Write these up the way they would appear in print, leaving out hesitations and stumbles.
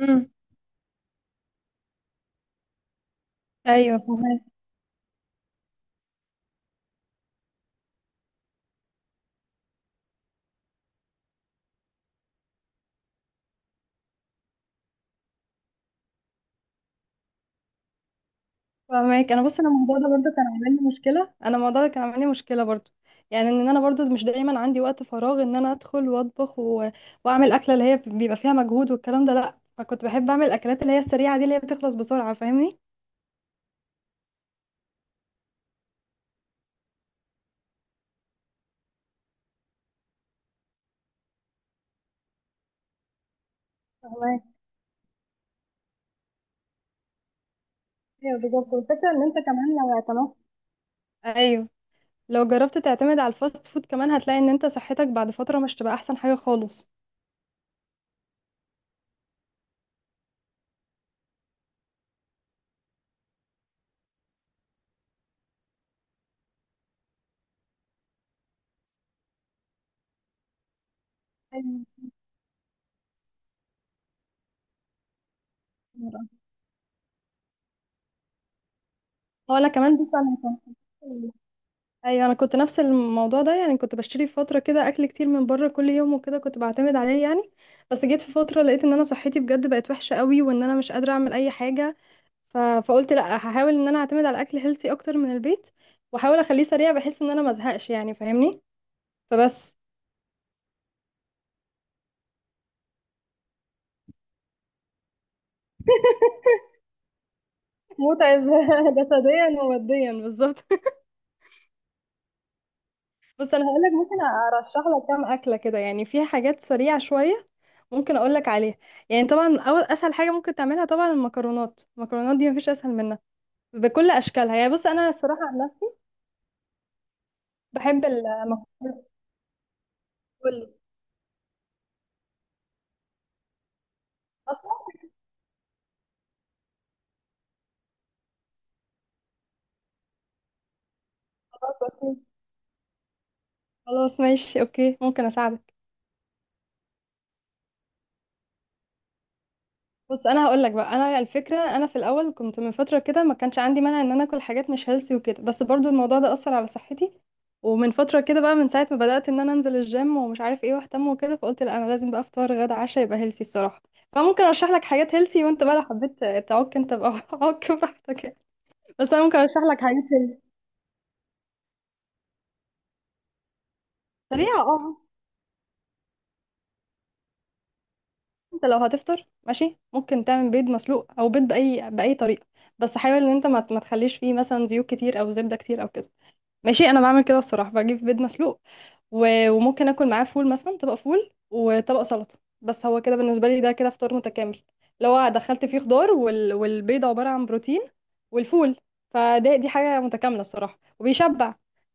امم ايوه، فهمك. فهمك. انا، بص، انا الموضوع ده برضه كان عامل لي مشكله. انا الموضوع ده كان عامل لي مشكله برضه. يعني ان انا برضه مش دايما عندي وقت فراغ ان انا ادخل واطبخ واعمل اكله اللي هي بيبقى فيها مجهود والكلام ده، لا. فكنت بحب اعمل الاكلات اللي هي السريعه دي اللي هي بتخلص بسرعه، فاهمني؟ فهمك. ايوه، بالظبط. والفكره ان انت كمان لو اعتمدت، ايوه، لو جربت تعتمد على الفاست فود كمان هتلاقي ان انت صحتك بعد فتره مش تبقى احسن حاجه خالص. أيوة. هو انا كمان، بص، انا كنت، ايوه، انا كنت نفس الموضوع ده. يعني كنت بشتري في فتره كده اكل كتير من بره كل يوم وكده كنت بعتمد عليه يعني. بس جيت في فتره لقيت ان انا صحتي بجد بقت وحشه قوي وان انا مش قادره اعمل اي حاجه. فقلت لا، هحاول ان انا اعتمد على اكل هيلثي اكتر من البيت واحاول اخليه سريع بحيث ان انا ما ازهقش، يعني فاهمني. فبس. متعب. جسديا وماديا، بالظبط. بص، انا هقول لك ممكن ارشح لك كام اكله كده يعني فيها حاجات سريعه شويه. ممكن اقول لك عليها. يعني طبعا اول اسهل حاجه ممكن تعملها طبعا المكرونات. المكرونات دي مفيش اسهل منها بكل اشكالها. يعني بص، انا الصراحه انا بحب المكرونات. قولي. اصلا خلاص، اوكي. خلاص ماشي، اوكي، ممكن اساعدك. بص، انا هقول لك بقى انا الفكره. انا في الاول كنت من فتره كده ما كانش عندي مانع ان انا اكل حاجات مش هيلسي وكده، بس برضو الموضوع ده اثر على صحتي. ومن فتره كده بقى، من ساعه ما بدات ان انا انزل الجيم ومش عارف ايه واهتم وكده، فقلت لا، انا لازم بقى افطار غدا عشاء يبقى هيلسي الصراحه. فممكن ارشح لك حاجات هيلسي وانت بقى لو حبيت تعك انت بقى عك براحتك يعني. بس انا ممكن ارشح لك حاجات هيلسي سريعه، اه. انت لو هتفطر، ماشي، ممكن تعمل بيض مسلوق او بيض باي باي طريقه. بس حاول ان انت ما تخليش فيه مثلا زيوت كتير او زبده كتير او كده. ماشي، انا بعمل كده الصراحه، بجيب بيض مسلوق وممكن اكل معاه فول مثلا، طبق فول وطبق سلطه. بس هو كده بالنسبه لي ده كده فطار متكامل، لو دخلت فيه خضار والبيض عباره عن بروتين، والفول. فده، دي حاجه متكامله الصراحه وبيشبع.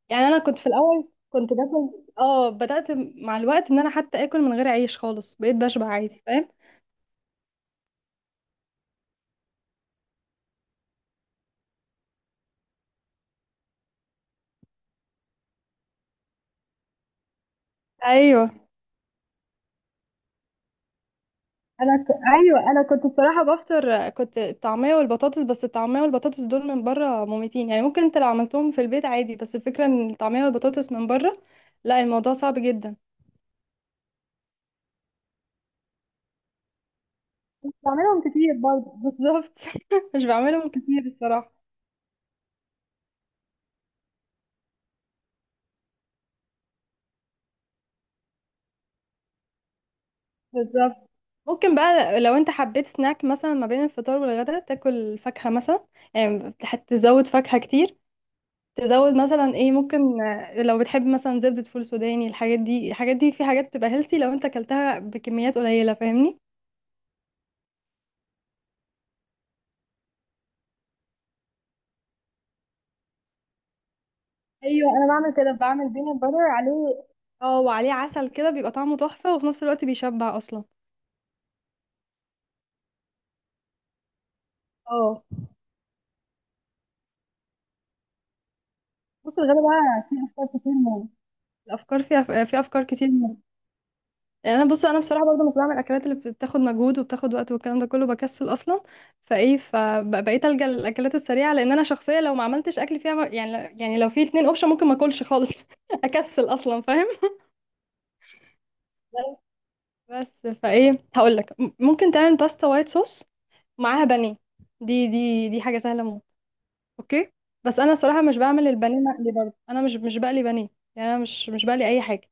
يعني انا كنت في الاول كنت باكل، اه، بدات مع الوقت ان انا حتى اكل من غير عيش خالص بقيت بشبع عادي، فاهم؟ ايوه. ايوه، انا كنت بصراحه بفطر كنت الطعميه والبطاطس. بس الطعميه والبطاطس دول من بره مميتين. يعني ممكن انت لو عملتهم في البيت عادي، بس الفكره ان الطعميه والبطاطس من بره لا، الموضوع صعب جدا. بعملهم كتير برضه، بالظبط. مش بعملهم كتير الصراحه. بالظبط. ممكن بقى لو انت حبيت سناك مثلا ما بين الفطار والغدا تاكل فاكهه مثلا. يعني هتزود فاكهه كتير. تزود مثلا ايه، ممكن آه، لو بتحب مثلا زبدة فول سوداني. الحاجات دي، الحاجات دي في حاجات تبقى هيلثي لو انت اكلتها بكميات قليلة، فاهمني. ايوه، انا بعمل كده، بعمل بينات باتر عليه، اه، وعليه عسل كده بيبقى طعمه تحفة وفي نفس الوقت بيشبع اصلا. اه. بص، الغدا بقى فيه افكار كتير موت. الافكار فيها، في افكار كتير. يعني انا، بص، انا بصراحه برضه مش بعمل الاكلات اللي بتاخد مجهود وبتاخد وقت والكلام ده كله، بكسل اصلا. فايه، فبقيت الجا للاكلات السريعه لان انا شخصيه لو ما عملتش اكل فيها يعني، يعني لو في 2 اوبشن ممكن ما اكلش خالص. اكسل اصلا، فاهم؟ بس فايه هقول لك، ممكن تعمل باستا وايت صوص معاها بانيه. دي دي حاجه سهله موت. اوكي. بس انا صراحه مش بعمل البانيه مقلي برضه، انا مش بقلي بانيه. يعني انا مش بقلي اي حاجه.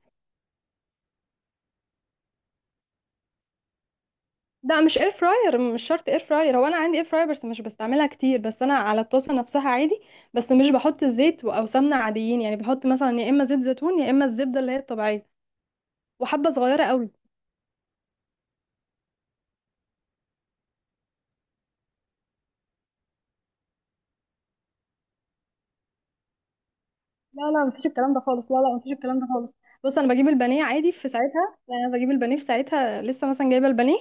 لا، مش اير فراير، مش شرط اير فراير. هو انا عندي اير فراير بس مش بستعملها كتير، بس انا على الطاسه نفسها عادي. بس مش بحط الزيت او سمنه عاديين، يعني بحط مثلا يا اما زيت زيتون يا اما الزبده اللي هي الطبيعيه، وحبه صغيره قوي. لا لا، مفيش الكلام ده خالص، لا لا مفيش الكلام ده خالص. بص، انا بجيب البانيه عادي في ساعتها، يعني انا بجيب البانيه في ساعتها لسه، مثلا جايبه البانيه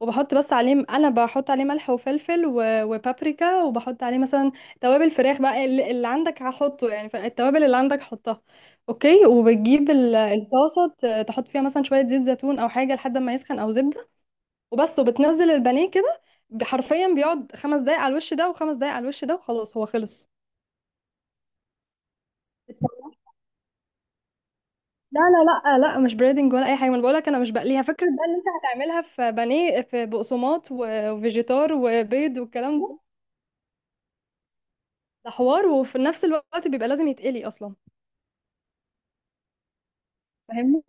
وبحط بس عليه، انا بحط عليه ملح وفلفل وبابريكا، وبحط عليه مثلا توابل فراخ بقى، اللي عندك هحطه يعني، فالتوابل اللي عندك حطها. اوكي. وبتجيب الطاسه تحط فيها مثلا شويه زيت زيتون او حاجه لحد ما يسخن او زبده، وبس، وبتنزل البانيه كده. حرفيا بيقعد 5 دقايق على الوش ده وخمس دقايق على الوش ده وخلاص، هو خلص. لا لا لا آه، لا، مش بريدنج ولا اي حاجه. ما انا بقولك انا مش بقليها. فكره بقى ان انت هتعملها في بانيه، في بقسماط وفيجيتار وبيض والكلام ده، ده حوار، وفي نفس الوقت بيبقى لازم يتقلي اصلا، فاهمني.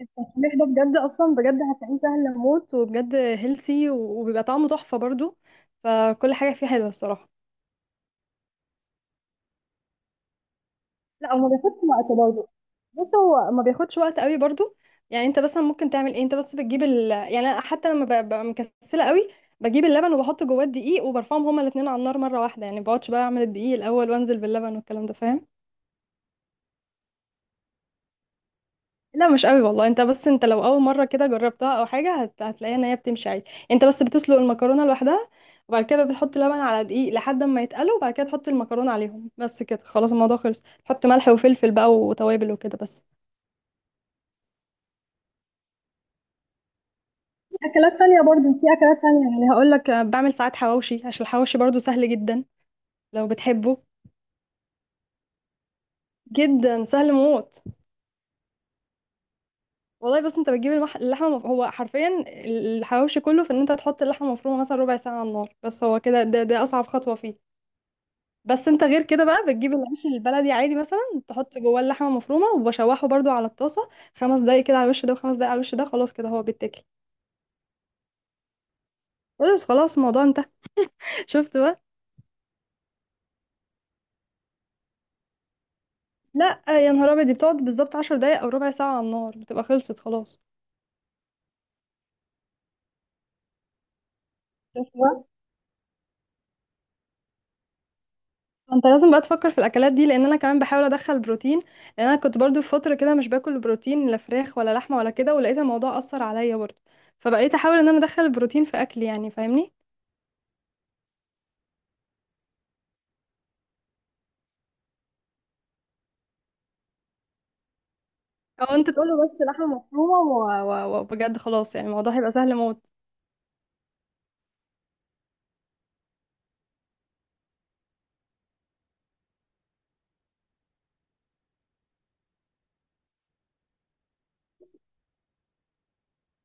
التسميح ده بجد اصلا، بجد هتلاقيه سهل موت وبجد هيلسي وبيبقى طعمه تحفه برضو، فكل حاجه فيه حلوه الصراحه. لا، هو ما بياخدش وقت برضه. بص، هو ما بياخدش وقت قوي برضه. يعني انت مثلا ممكن تعمل ايه، انت بس بتجيب يعني أنا حتى لما ببقى مكسله قوي بجيب اللبن وبحط جواه الدقيق وبرفعهم هما الاثنين على النار مره واحده، يعني ما بقعدش بقى اعمل الدقيق الاول وانزل باللبن والكلام ده، فاهم؟ لا، مش قوي والله. انت بس انت لو اول مره كده جربتها او حاجه هتلاقيها ان هي بتمشي عادي. انت بس بتسلق المكرونه لوحدها، وبعد كده بتحط لبن على دقيق لحد ما يتقلوا، وبعد كده تحط المكرونه عليهم بس، كده خلاص الموضوع خلص، تحط ملح وفلفل بقى وتوابل وكده بس. اكلات تانية برضو، في اكلات تانية يعني، هقول لك بعمل ساعات حواوشي عشان الحواوشي برضو سهل جدا، لو بتحبه. جدا سهل موت. والله بص، انت بتجيب اللحمه هو حرفيا الحواوشي كله في ان انت تحط اللحمه مفرومه مثلا ربع ساعه على النار بس، هو كده، ده اصعب خطوه فيه. بس انت غير كده بقى بتجيب العيش البلدي عادي، مثلا تحط جواه اللحمه مفرومه وبشوحه برضو على الطاسه 5 دقايق كده على الوش ده وخمس دقايق على الوش ده، خلاص كده هو بيتاكل. خلاص خلاص، الموضوع انتهى. شفت بقى. لا آه، يا نهار ابيض، دي بتقعد بالظبط 10 دقايق او ربع ساعه على النار بتبقى خلصت خلاص. شايفة؟ انت لازم بقى تفكر في الاكلات دي لان انا كمان بحاول ادخل بروتين، لان انا كنت برضو في فتره كده مش باكل بروتين لا فراخ ولا لحمه ولا كده، ولقيت الموضوع اثر عليا برضو، فبقيت احاول ان انا ادخل البروتين في اكلي يعني، فاهمني. او انت تقول له بس لحمه مفرومه وبجد خلاص يعني الموضوع هيبقى سهل موت.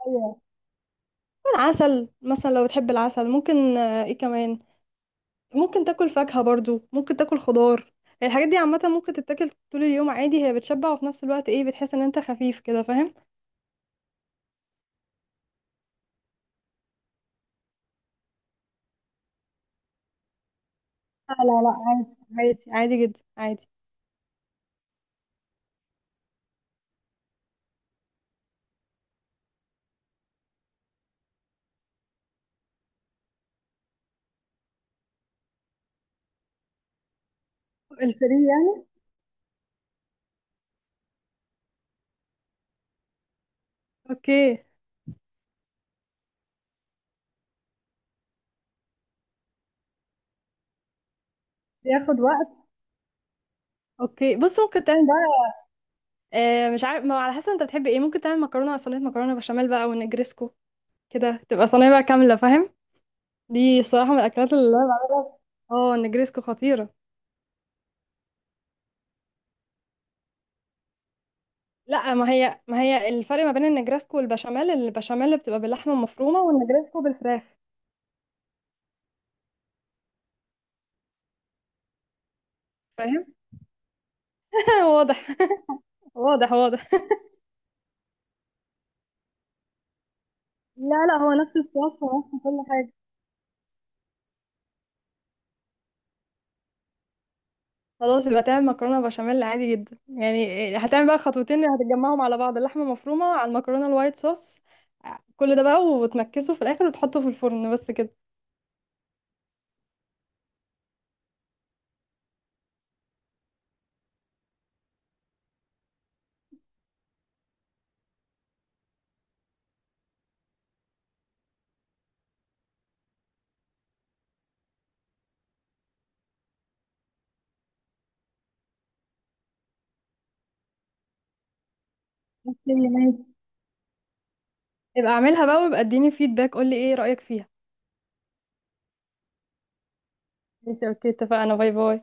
ايوه، عسل مثلا لو بتحب العسل. ممكن آه، ايه كمان، ممكن تاكل فاكهة برضو، ممكن تاكل خضار. الحاجات دي عامة ممكن تتاكل طول اليوم عادي، هي بتشبع وفي نفس الوقت ايه، بتحس ان انت خفيف كده، فاهم؟ لا لا لا، عادي عادي عادي جدا، عادي. الفري يعني. اوكي. بياخد وقت. اوكي، بص، ممكن تعمل بقى آه، مش عارف، ما على حسب انت بتحب ايه. ممكن تعمل مكرونه صينيه، مكرونه بشاميل بقى ونجريسكو، كده تبقى صينيه بقى كامله، فاهم؟ دي الصراحه من الاكلات اللي انا بعملها. اه، النجريسكو خطيره. لا، ما هي، ما هي الفرق ما بين النجريسكو والبشاميل، البشاميل بتبقى باللحمه المفرومه والنجريسكو بالفراخ. فاهم. واضح، واضح واضح. لا لا، هو نفس الصلصة ونفس كل حاجة. خلاص يبقى تعمل مكرونه بشاميل عادي جدا، يعني إيه، هتعمل بقى خطوتين، هتجمعهم على بعض اللحمه مفرومه على المكرونه الوايت صوص، كل ده بقى، وتمكسه في الاخر وتحطه في الفرن، بس كده. اوكي، ماشي. يبقى اعملها بقى، ويبقى اديني فيدباك، قولي ايه رايك فيها. ماشي، اوكي، اتفقنا. باي باي.